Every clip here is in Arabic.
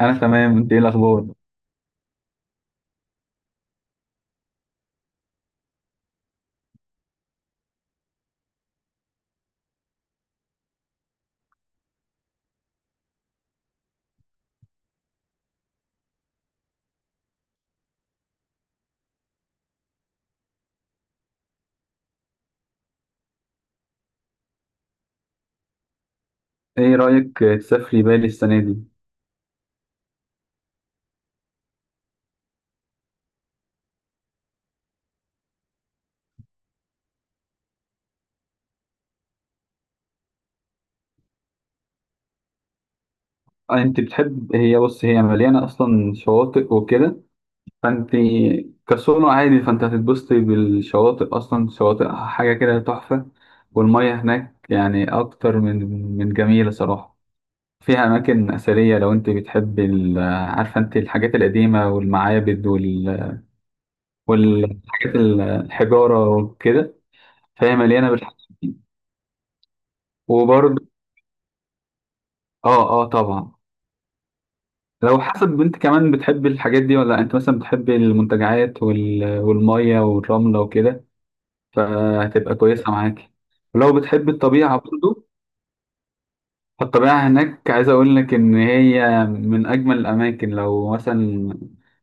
انا تمام. انت ايه الاخبار؟ ايه رايك تسافري بالي السنه دي؟ انت بتحب. هي بص، هي مليانه اصلا شواطئ وكده. فانت كسولو عادي. فانت هتتبسطي بالشواطئ، اصلا شواطئ حاجه كده تحفه. والميه هناك يعني اكتر من جميله صراحه. فيها اماكن اثريه لو انت بتحب عارفه انت الحاجات القديمه والمعابد والحاجات الحجاره وكده، فهي مليانه بالحاجات. وبرضه اه، اه، طبعا. لو حسب انت كمان بتحب الحاجات دي ولا لأ. انت مثلا بتحب المنتجعات والمية والرملة وكده، فهتبقى كويسة معاك. ولو بتحب الطبيعة برضو، فالطبيعة هناك. عايز اقول لك ان هي من اجمل الاماكن. لو مثلا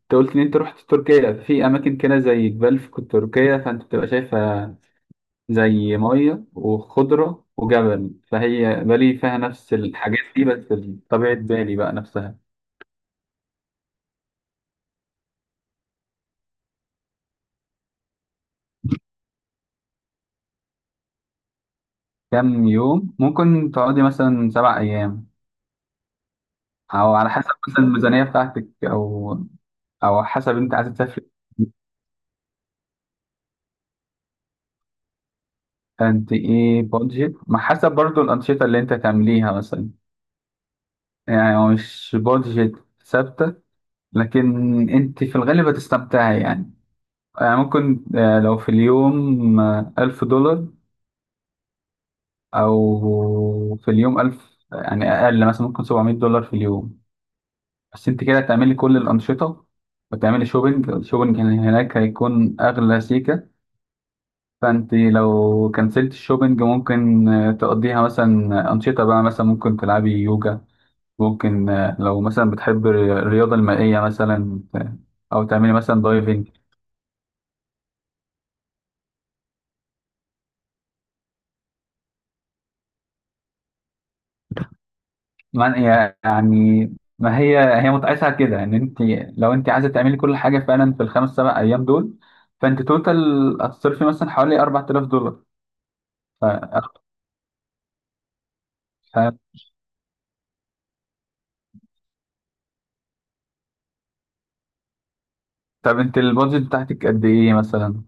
انت قلت ان انت رحت تركيا، في اماكن كده زي جبال في تركيا فانت بتبقى شايفها زي مية وخضرة وجبل، فهي بالي فيها نفس الحاجات دي بس. طبيعة بالي بقى نفسها. كام يوم ممكن تقعدي؟ مثلا 7 أيام، أو على حسب مثلا الميزانية بتاعتك، أو حسب أنت عايزة تسافري. أنت إيه بادجت؟ ما حسب برضو الأنشطة اللي أنت تعمليها مثلا. يعني هو مش بادجت ثابتة، لكن أنت في الغالب هتستمتعي يعني. يعني ممكن لو في اليوم 1000 دولار، أو في اليوم ألف، يعني أقل مثلا ممكن 700 دولار في اليوم. بس انت كده هتعملي كل الانشطه وتعملي شوبينج. الشوبينج هناك هيكون اغلى سيكه، فانت لو كنسلت الشوبينج ممكن تقضيها مثلا انشطه، بقى مثلا ممكن تلعبي يوجا، ممكن لو مثلا بتحب الرياضه المائيه مثلا، او تعملي مثلا دايفنج. يعني يعني ما هي متقاسه على كده ان انت لو انت عايزه تعملي كل حاجه فعلا في الخمس سبع ايام دول، فانت توتال هتصرفي مثلا حوالي 4000 دولار. ف... طب انت البادجت بتاعتك قد ايه مثلا؟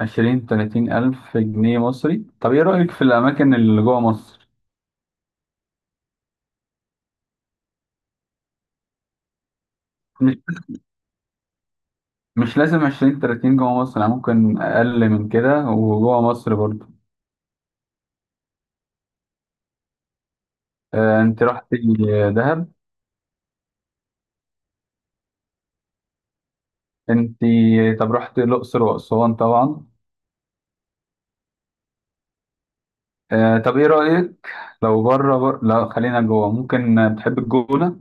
عشرين تلاتين ألف جنيه مصري؟ طب ايه رأيك في الأماكن اللي جوه مصر؟ مش مش لازم عشرين تلاتين جوه مصر، يعني ممكن أقل من كده وجوه مصر برضو. آه، انت رحت دهب. انت طب رحت الأقصر وأسوان طبعا. آه، طب ايه رأيك؟ لو بره لا، خلينا جوه. ممكن بتحب الجونة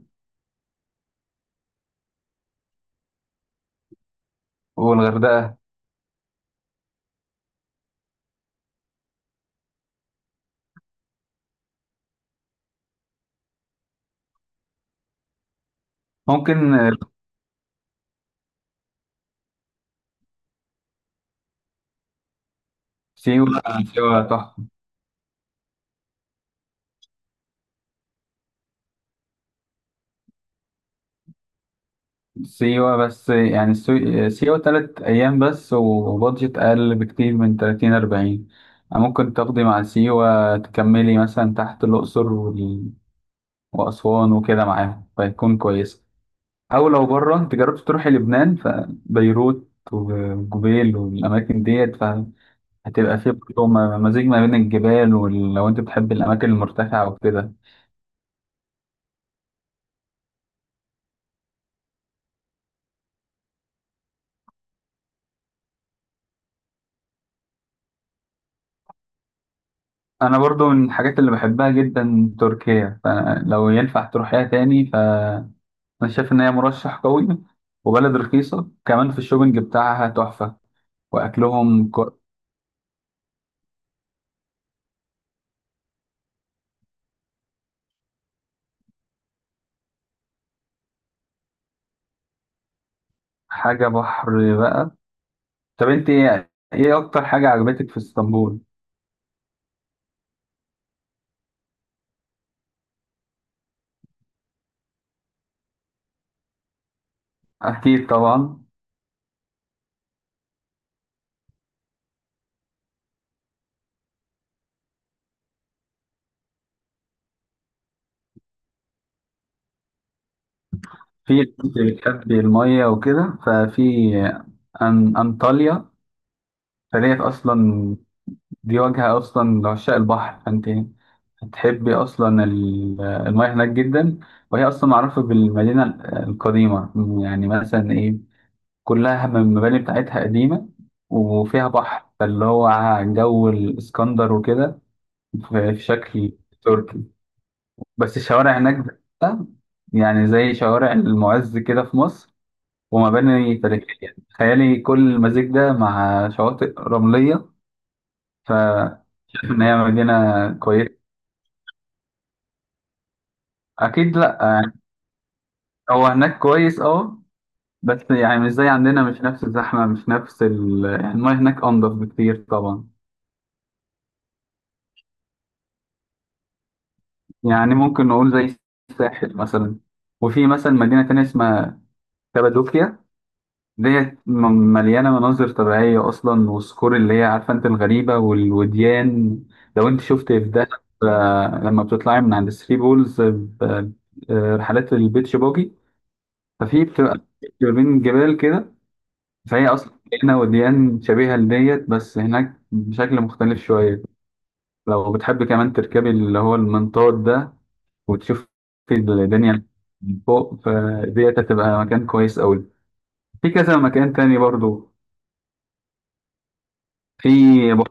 والغردقة. ممكن سيوة. سيوة تحفة. سيوة، بس يعني سيوة 3 أيام بس، وبادجت أقل بكتير من تلاتين أربعين. يعني ممكن تاخدي مع سيوة تكملي مثلا تحت الأقصر وأسوان وكده معاهم، فيكون كويس. أو لو بره، أنت جربت تروحي لبنان، فبيروت وجبيل والأماكن ديت، فهتبقى فيه برضه مزيج ما بين الجبال، ولو أنت بتحب الأماكن المرتفعة وكده. أنا برضه من الحاجات اللي بحبها جدا تركيا، فلو ينفع تروحيها تاني انا شايف ان هي مرشح قوي، وبلد رخيصه كمان، في الشوبينج بتاعها تحفه، واكلهم حاجه بحر بقى. طب انت إيه اكتر حاجه عجبتك في اسطنبول؟ اكيد طبعا. في انت بتحبي الميه وكده ففي انطاليا، فديت اصلا. دي واجهه اصلا لعشاق البحر، فانت هتحبي اصلا المياه هناك جدا. وهي اصلا معروفه بالمدينه القديمه، يعني مثلا ايه، كلها من المباني بتاعتها قديمة، وفيها بحر فاللي هو جو الإسكندر وكده، في شكل تركي. بس الشوارع هناك بقى، يعني زي شوارع المعز كده في مصر، ومباني تاريخية، تخيلي كل المزيج ده مع شواطئ رملية. فشايف إن هي مدينة كويسة. أكيد لأ يعني، هو هناك كويس أه، بس يعني مش زي عندنا، مش نفس الزحمة، مش نفس يعني المياه هناك أنضف بكتير طبعا. يعني ممكن نقول زي الساحل مثلا. وفي مثلا مدينة تانية اسمها كابادوكيا، ديت مليانة مناظر طبيعية أصلا، والصخور اللي هي عارفة أنت الغريبة والوديان. لو أنت شفت في دهب، لما بتطلعي من عند الثري بولز، رحلات البيتش باجي، ففي بتبقى ما بين جبال كده. فهي أصلا هنا وديان شبيهة لديت، بس هناك بشكل مختلف شوية. لو بتحب كمان تركبي اللي هو المنطاد ده وتشوف الدنيا من فوق، فديت هتبقى مكان كويس أوي. في كذا مكان تاني برضو. في ب-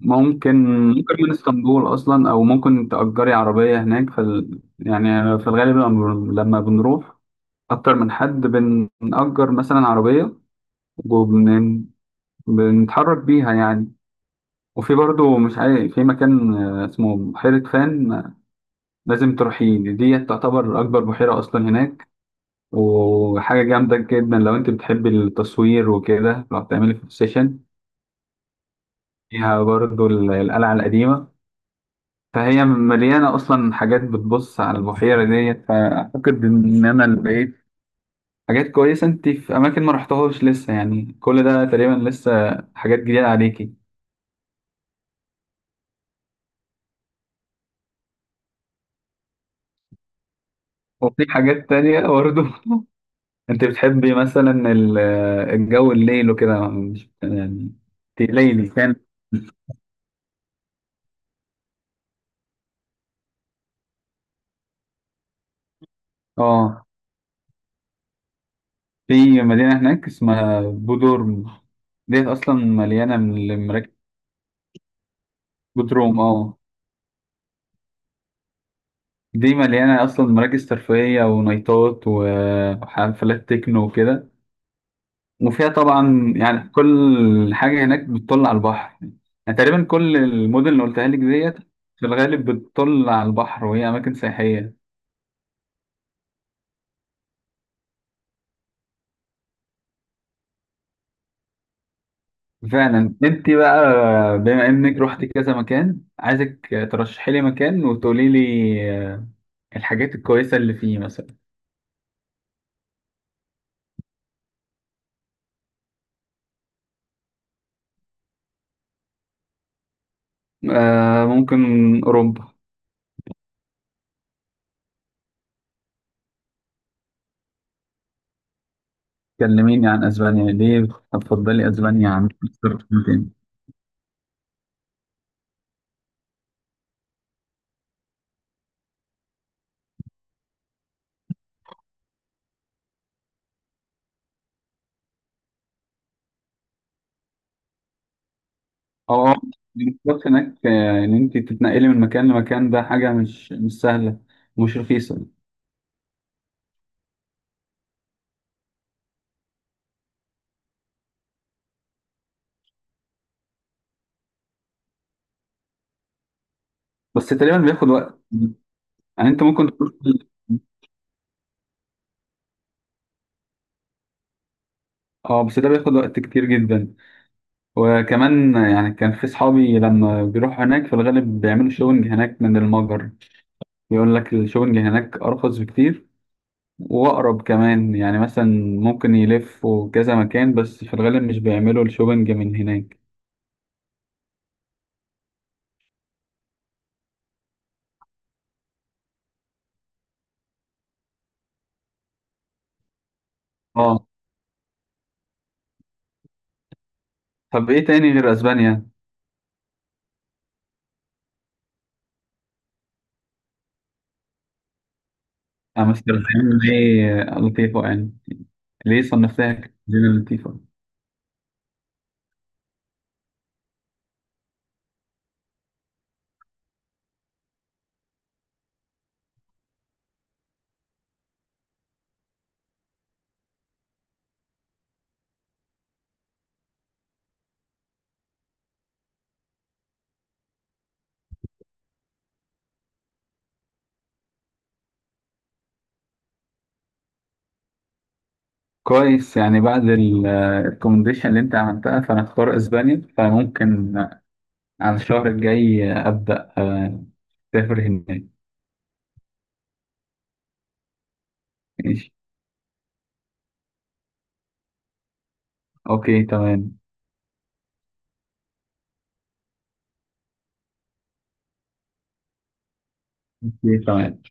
ممكن ممكن من اسطنبول أصلا، أو ممكن تأجري عربية هناك يعني في الغالب لما بنروح أكتر من حد بنأجر مثلا عربية، وبن بنتحرك بيها يعني. وفي برضو مش عارف في مكان اسمه بحيرة فان، لازم تروحي دي. تعتبر أكبر بحيرة أصلا هناك، وحاجة جامدة جدا لو انت بتحبي التصوير وكده، لو هتعملي فوتو سيشن. فيها برضو القلعة القديمة، فهي مليانة أصلا حاجات بتبص على البحيرة ديت. فأعتقد إن أنا اللي بقيت حاجات كويسة. انت في أماكن ما رحتهاش لسه، يعني كل ده تقريبا لسه حاجات جديدة عليكي. وفي حاجات تانية برضو. انت بتحبي مثلا الجو الليل وكده، مش يعني تقليلي كان. اه في مدينة هناك اسمها بودورم، ديت أصلا مليانة من المراكز. بودروم، اه. دي مليانة أصلا مراكز ترفيهية ونايتات وحفلات تكنو وكده. وفيها طبعا يعني كل حاجة هناك بتطل على البحر. يعني تقريبا كل المدن اللي قلتها لك ديت في الغالب بتطل على البحر، وهي أماكن سياحية. فعلا انت بقى، بما انك رحت كذا مكان، عايزك ترشحي لي مكان وتقولي لي الحاجات الكويسة اللي فيه مثلا. آه ممكن أوروبا. كلميني عن اسبانيا. ليه هتفضلي اسبانيا عن مصر تاني؟ اه، المواصلات هناك، إن أنت تتنقلي من مكان لمكان، ده حاجة مش سهلة ومش رخيصة. بس تقريبا بياخد وقت. يعني أنت ممكن تروح، اه بس ده بياخد وقت كتير جدا. وكمان يعني كان في صحابي لما بيروحوا هناك في الغالب بيعملوا شوبنج هناك من المجر، يقول لك الشوبنج هناك أرخص بكتير واقرب كمان، يعني مثلا ممكن يلفوا كذا مكان، بس في الغالب مش بيعملوا الشوبينج من هناك. اه، طب ايه تاني غير اسبانيا؟ امستردام. ليه لطيفة يعني؟ ليه صنفتها كمدينة لطيفة؟ كويس، يعني بعد الريكومنديشن اللي انت عملتها فانا اختار اسبانيا. فممكن على الشهر الجاي ابدا، اسافر هناك. ماشي. اوكي تمام. اوكي تمام.